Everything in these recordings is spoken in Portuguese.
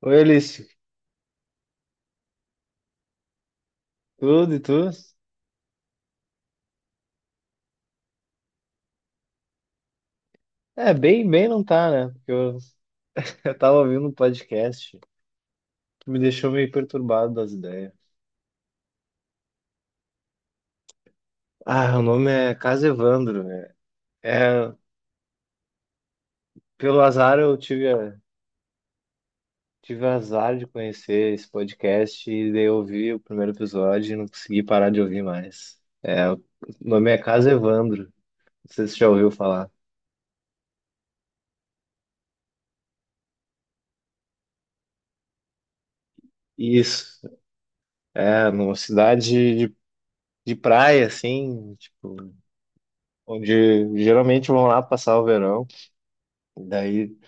Oi, Alice. Tudo e tudo? É, bem, bem não tá, né? Eu tava ouvindo um podcast que me deixou meio perturbado das ideias. Ah, o nome é Casa Evandro, né? É, pelo azar tive azar de conhecer esse podcast e daí eu ouvi o primeiro episódio e não consegui parar de ouvir mais. É, o nome é Casa Evandro. Não sei se você já ouviu falar. Isso, é, numa de praia, assim, tipo, onde geralmente vão lá passar o verão. Daí,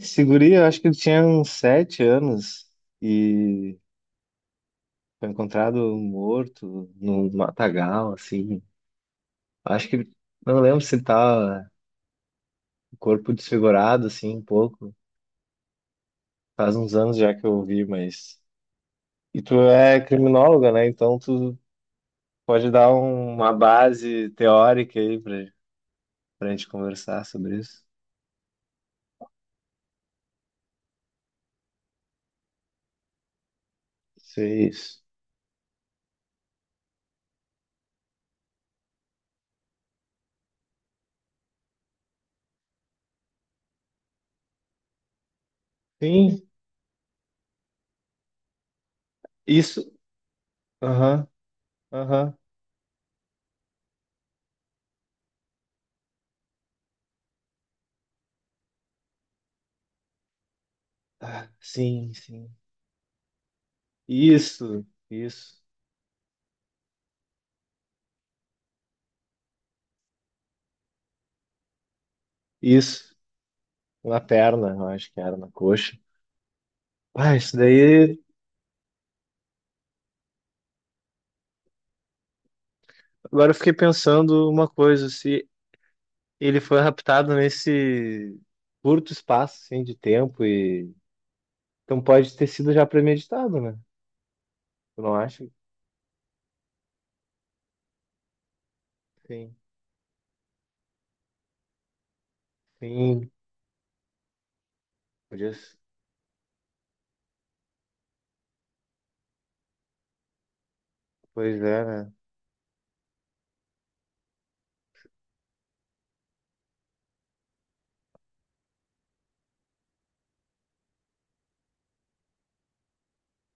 esse guri, eu acho que ele tinha uns sete anos e foi encontrado morto no matagal, assim. Acho que, não lembro se tá o corpo desfigurado, assim, um pouco. Faz uns anos já que eu ouvi, mas... E tu é criminóloga, né? Então tu pode uma base teórica aí pra, pra gente conversar sobre isso. Sei isso. Sim, isso. Aham, aham. Ah, sim, sim. Isso, isso. Isso, na perna, eu acho que era, na coxa. Ah, isso daí. Agora eu fiquei pensando uma coisa, se ele foi raptado nesse curto espaço, assim, de tempo e... Então pode ter sido já premeditado, né? Tu não acha? Sim, sim. Podia... Pois é, né?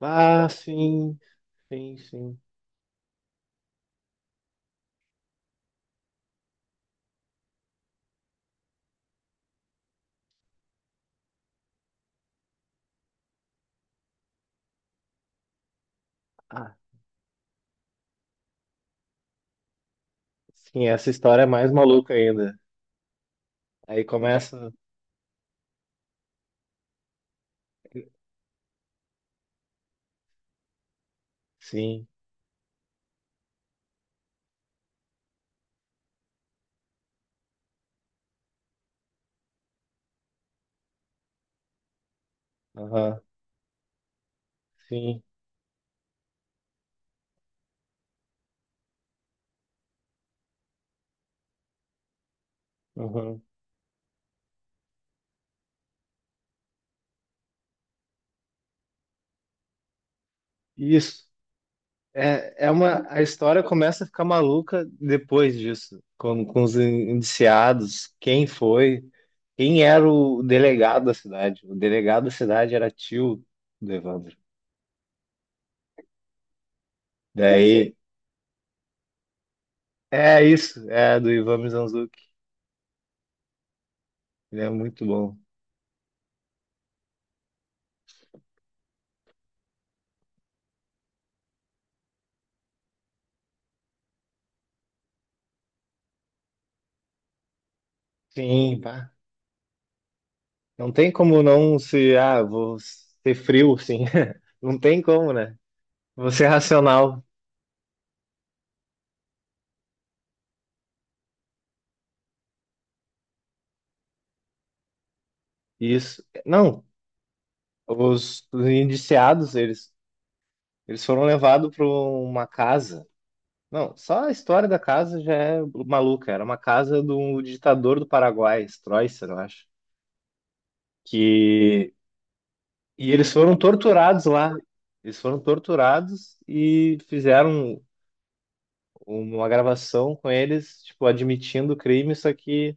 Ah, sim, sim, sim. Ah, sim, essa história é mais maluca ainda. Aí começa. Sim, aham, sim, aham. Isso. É, é uma, a história começa a ficar maluca depois disso, com os indiciados, quem foi, quem era o delegado da cidade. O delegado da cidade era tio do Evandro. Daí, é isso, é do Ivan Mizanzuki. Ele é muito bom. Sim, pá. Não tem como não se... ah, vou ser frio, sim. Não tem como, né? Vou ser racional. Isso. Não, os indiciados, eles foram levados para uma casa. Não, só a história da casa já é maluca. Era uma casa do ditador do Paraguai, Stroessner, eu acho. Que... E eles foram torturados lá. Eles foram torturados e fizeram uma gravação com eles, tipo, admitindo o crime, só que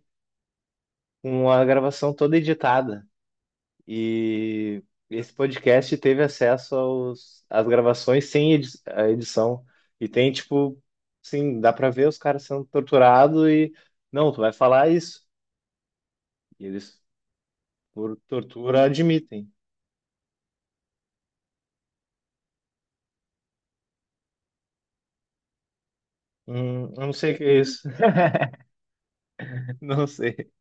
uma gravação toda editada. E esse podcast teve acesso às gravações sem edi a edição. E tem, tipo, assim, dá pra ver os caras sendo torturados e... Não, tu vai falar isso. E eles, por tortura, admitem. Eu não sei o que é isso. Não sei.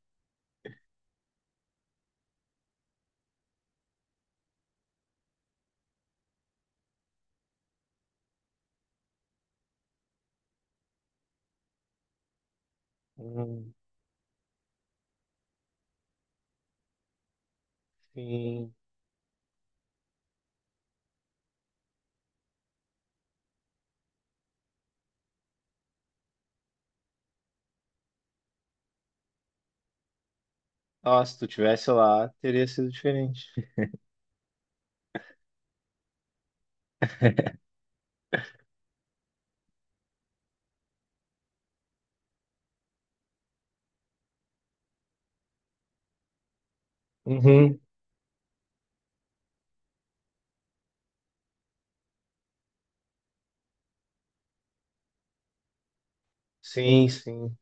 Hum, sim. Ah, se tu tivesse lá, teria sido diferente. Uhum. Sim, sim.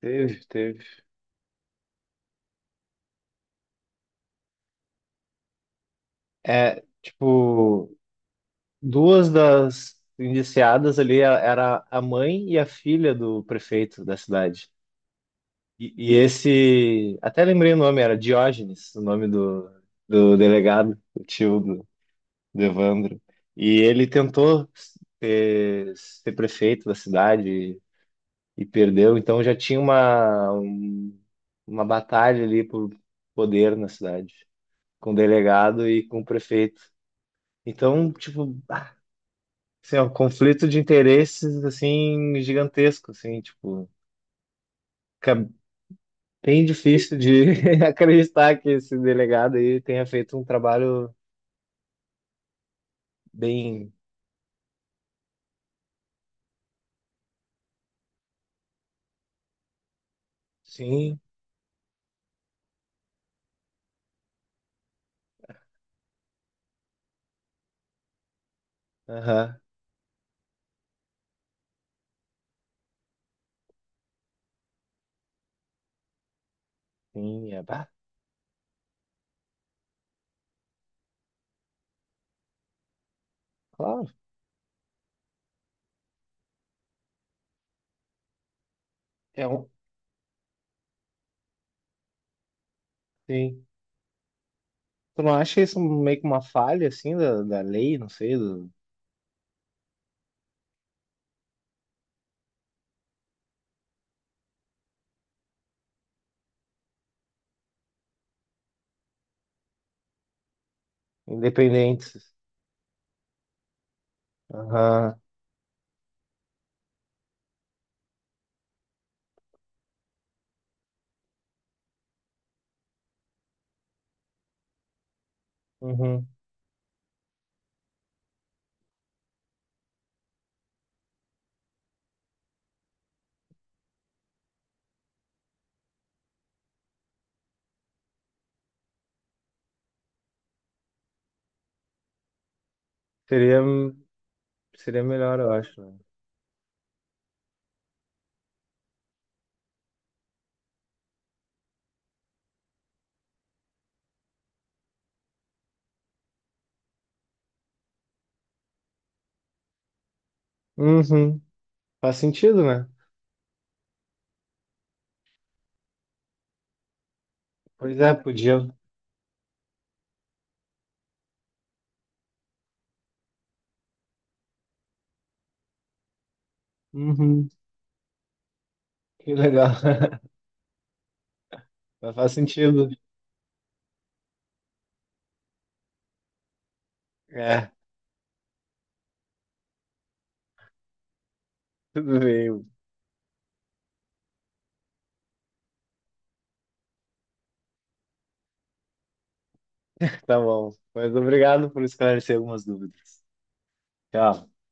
Teve, teve. É, tipo, duas das era a mãe e a filha do prefeito da cidade. E esse, até lembrei o nome, era Diógenes, o nome do, do delegado, o tio do Devandro. E ele tentou ser prefeito da cidade e perdeu, então já tinha uma batalha ali por poder na cidade, com o delegado e com o prefeito. Então, tipo, ah, assim, ó, conflito de interesses, assim, gigantesco, assim, tipo, fica bem difícil de acreditar que esse delegado aí tenha feito um trabalho bem, sim, aham, sim, é, bah, claro. É um, sim. Tu não acha isso meio que uma falha, assim, da lei, não sei, do... independentes? Aham, uhum. Seria, seria melhor, eu acho, né? Uhum. Faz sentido, né? Pois é, podia. Uhum. Que legal. Mas faz sentido. É, tudo bem, tá bom. Mas obrigado por esclarecer algumas dúvidas. Tchau.